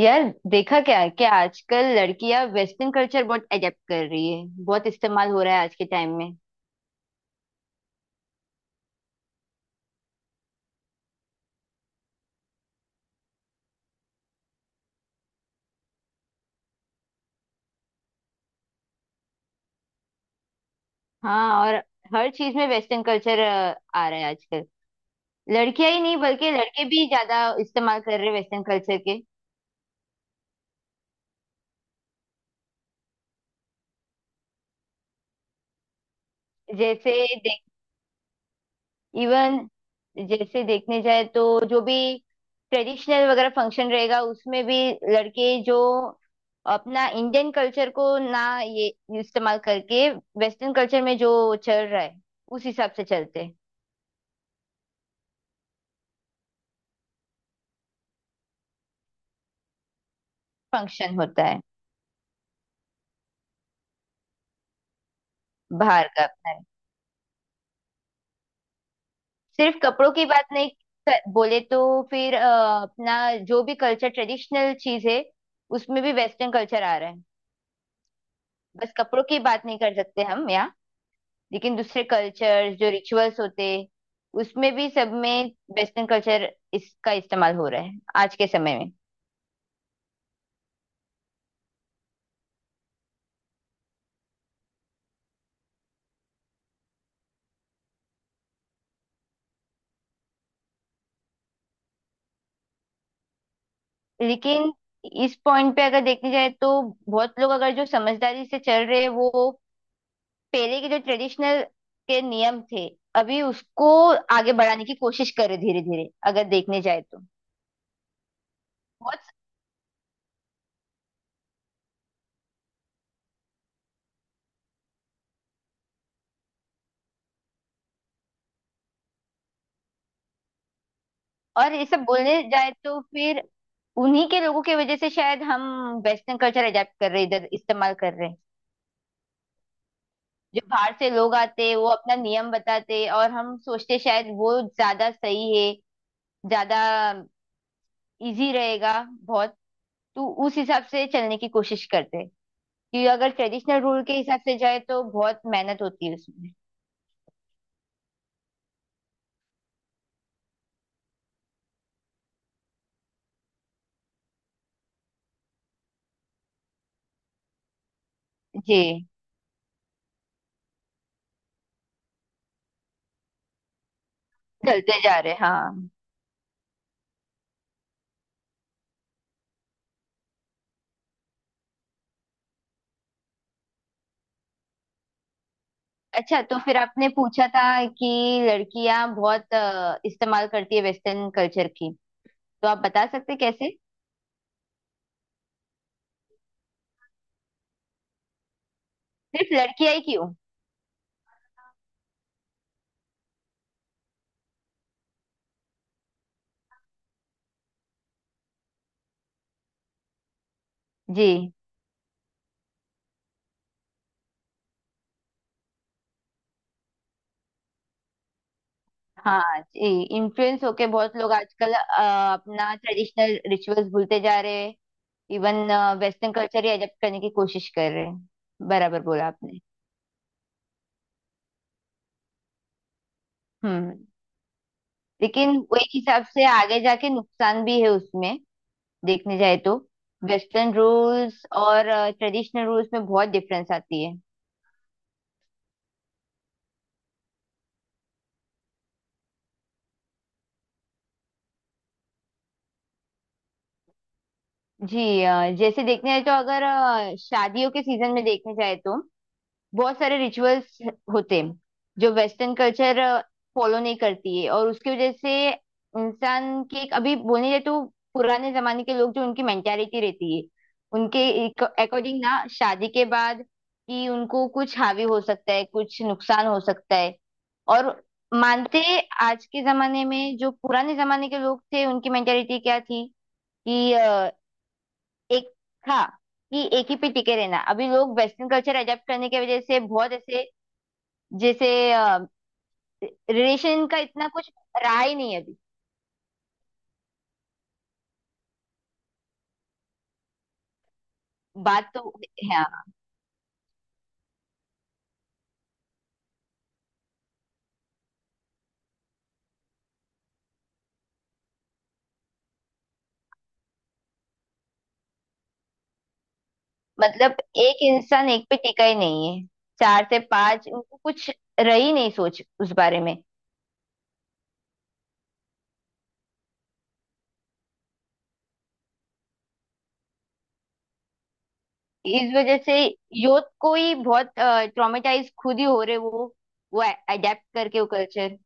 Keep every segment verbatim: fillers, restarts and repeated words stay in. यार देखा क्या है कि आजकल लड़कियां वेस्टर्न कल्चर बहुत एडेप्ट कर रही है। बहुत इस्तेमाल हो रहा है आज के टाइम में। हाँ, और हर चीज में वेस्टर्न कल्चर आ रहा है आजकल। लड़कियां ही नहीं बल्कि लड़के भी ज्यादा इस्तेमाल कर रहे हैं वेस्टर्न कल्चर के। जैसे देख, इवन जैसे देखने जाए तो जो भी ट्रेडिशनल वगैरह फंक्शन रहेगा उसमें भी लड़के जो अपना इंडियन कल्चर को ना ये इस्तेमाल करके वेस्टर्न कल्चर में जो चल रहा है उस हिसाब से चलते हैं। फंक्शन होता है बाहर का अपना है। सिर्फ कपड़ों की बात नहीं। क- बोले तो फिर अ, अपना जो भी कल्चर ट्रेडिशनल चीज है उसमें भी वेस्टर्न कल्चर आ रहा है। बस कपड़ों की बात नहीं कर सकते हम यहाँ, लेकिन दूसरे कल्चर जो रिचुअल्स होते उसमें भी, सब में वेस्टर्न कल्चर इसका इस्तेमाल हो रहा है आज के समय में। लेकिन इस पॉइंट पे अगर देखने जाए तो बहुत लोग अगर जो समझदारी से चल रहे हैं वो पहले के जो ट्रेडिशनल के नियम थे अभी उसको आगे बढ़ाने की कोशिश करे धीरे धीरे, अगर देखने जाए तो बहुत। और ये सब बोलने जाए तो फिर उन्हीं के लोगों की वजह से शायद हम वेस्टर्न कल्चर अडेप्ट कर रहे, इधर इस्तेमाल कर रहे हैं। जो बाहर से लोग आते वो अपना नियम बताते और हम सोचते शायद वो ज्यादा सही है, ज्यादा इजी रहेगा बहुत, तो उस हिसाब से चलने की कोशिश करते हैं कि अगर ट्रेडिशनल रूल के हिसाब से जाए तो बहुत मेहनत होती है उसमें। जी। चलते जा रहे, हाँ। अच्छा तो फिर आपने पूछा था कि लड़कियां बहुत अ, इस्तेमाल करती है वेस्टर्न कल्चर की, तो आप बता सकते कैसे। सिर्फ लड़कियां ही क्यों। जी। हाँ जी। इन्फ्लुएंस होके बहुत लोग आजकल अ, अपना ट्रेडिशनल रिचुअल्स भूलते जा रहे हैं। इवन वेस्टर्न कल्चर ही अडॉप्ट करने की कोशिश कर रहे हैं। बराबर बोला आपने। हम्म, लेकिन वो एक हिसाब से आगे जाके नुकसान भी है उसमें, देखने जाए तो। वेस्टर्न रूल्स और ट्रेडिशनल रूल्स में बहुत डिफरेंस आती है। जी अ, जैसे देखने जाए तो अगर अ, शादियों के सीजन में देखने जाए तो बहुत सारे रिचुअल्स होते हैं जो वेस्टर्न कल्चर फॉलो नहीं करती है और उसकी वजह से इंसान की एक, अभी बोलने जाए तो पुराने जमाने के लोग जो, उनकी मेंटालिटी रहती है उनके अकॉर्डिंग ना, शादी के बाद कि उनको कुछ हावी हो सकता है, कुछ नुकसान हो सकता है। और मानते हैं, आज के जमाने में जो पुराने जमाने के लोग थे उनकी मेंटेलिटी क्या थी कि अ, एक था कि एक ही पे टिके रहना। अभी लोग वेस्टर्न कल्चर अडेप्ट करने की वजह से बहुत ऐसे, जैसे रिलेशन का इतना कुछ रहा ही नहीं है अभी। बात तो, हाँ। मतलब एक इंसान एक पे टिका ही नहीं है, चार से पांच, उनको कुछ रही नहीं सोच उस बारे में। इस वजह से यूथ को ही बहुत ट्रॉमेटाइज खुद ही हो रहे वो वो अडेप्ट करके वो कल्चर।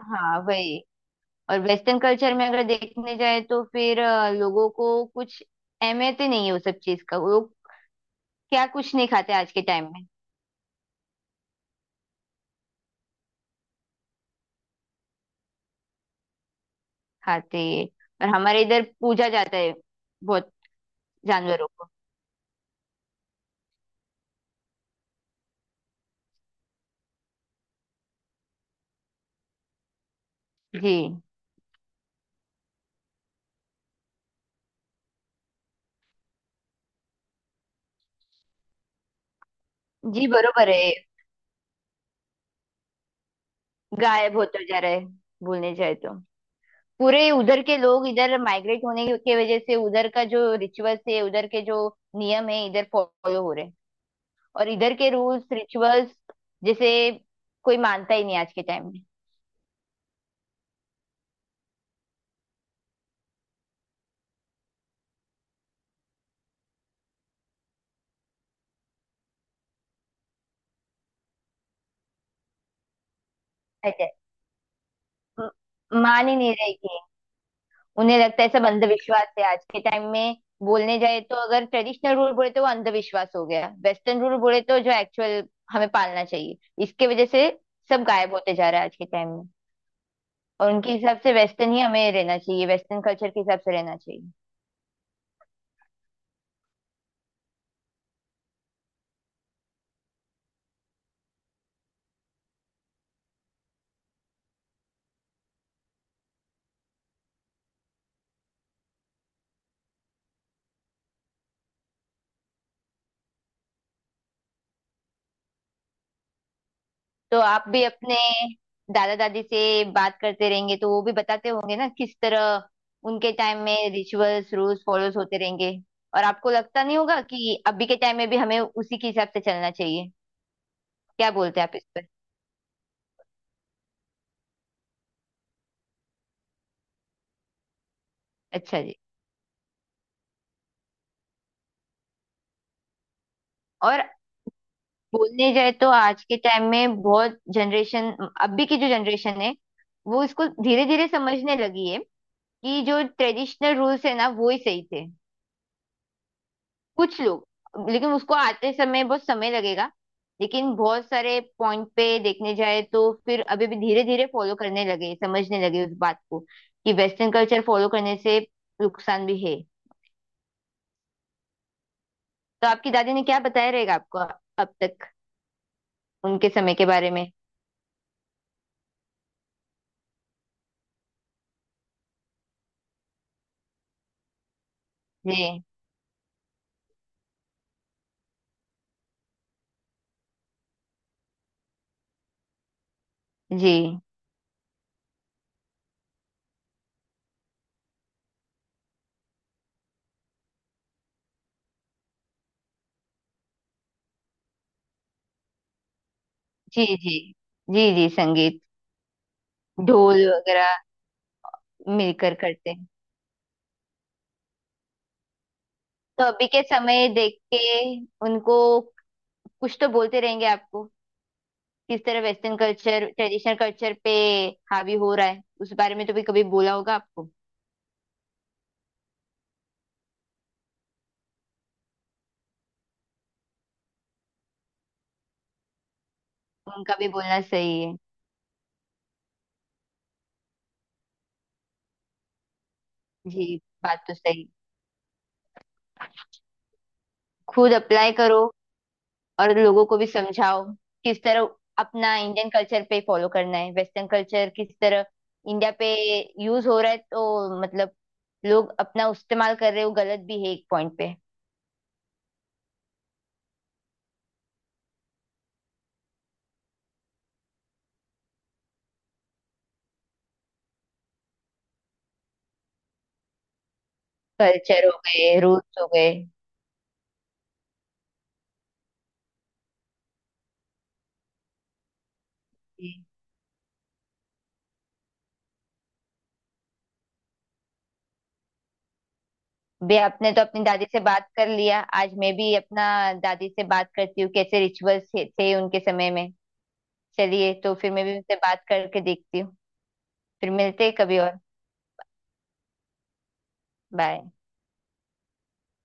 हाँ वही। और वेस्टर्न कल्चर में अगर देखने जाए तो फिर अ, लोगों को कुछ अहमियत ही नहीं है उस सब चीज का। वो लोग क्या कुछ नहीं खाते आज के टाइम में, खाते। और हमारे इधर पूजा जाता है बहुत, जानवरों को। जी। जी बरोबर है। गायब बहुत हो जा रहा है, बोलने जाए तो। पूरे उधर के लोग इधर माइग्रेट होने के वजह से उधर का जो रिचुअल्स है, उधर के जो नियम है इधर फॉलो हो रहे हैं। और इधर के रूल्स रिचुअल्स जैसे कोई मानता ही नहीं आज के टाइम में। ऐसे म- मान ही नहीं रहे। उन्हें लगता है सब अंधविश्वास है आज के टाइम में। बोलने जाए तो अगर ट्रेडिशनल रूल बोले तो वो अंधविश्वास हो गया, वेस्टर्न रूल बोले तो जो एक्चुअल हमें पालना चाहिए। इसके वजह से सब गायब होते जा रहा है आज के टाइम में। और उनके हिसाब से वेस्टर्न ही हमें रहना चाहिए, वेस्टर्न कल्चर के हिसाब से रहना चाहिए। तो आप भी अपने दादा दादी से बात करते रहेंगे तो वो भी बताते होंगे ना किस तरह उनके टाइम में रिचुअल्स रूल्स फॉलोस होते रहेंगे। और आपको लगता नहीं होगा कि अभी के टाइम में भी हमें उसी के हिसाब से चलना चाहिए? क्या बोलते हैं आप इस? अच्छा जी। और बोलने जाए तो आज के टाइम में बहुत जनरेशन, अभी की जो जनरेशन है वो इसको धीरे धीरे समझने लगी है कि जो ट्रेडिशनल रूल्स है ना वो ही सही थे। कुछ लोग, लेकिन उसको आते समय बहुत समय लगेगा। लेकिन बहुत सारे पॉइंट पे देखने जाए तो फिर अभी भी धीरे धीरे फॉलो करने लगे, समझने लगे उस बात को कि वेस्टर्न कल्चर फॉलो करने से नुकसान भी है। तो आपकी दादी ने क्या बताया रहेगा आपको अब तक उनके समय के बारे में? जी। जी। जी जी। जी जी संगीत, ढोल वगैरह मिलकर करते हैं। तो अभी के समय देख के उनको कुछ तो बोलते रहेंगे आपको, किस तरह वेस्टर्न कल्चर ट्रेडिशनल कल्चर पे हावी हो रहा है। उस बारे में तो भी कभी बोला होगा आपको। उनका भी बोलना सही है। जी, बात तो सही। खुद अप्लाई करो और लोगों को भी समझाओ किस तरह अपना इंडियन कल्चर पे फॉलो करना है, वेस्टर्न कल्चर किस तरह इंडिया पे यूज हो रहा है। तो मतलब लोग अपना इस्तेमाल कर रहे हो, गलत भी है एक पॉइंट पे। कल्चर हो गए, रूल्स हो गए। जी। बे आपने तो अपनी दादी से बात कर लिया, आज मैं भी अपना दादी से बात करती हूँ कैसे रिचुअल्स थे, थे उनके समय में। चलिए तो फिर मैं भी उनसे बात करके देखती हूँ। फिर मिलते हैं कभी और। बाय।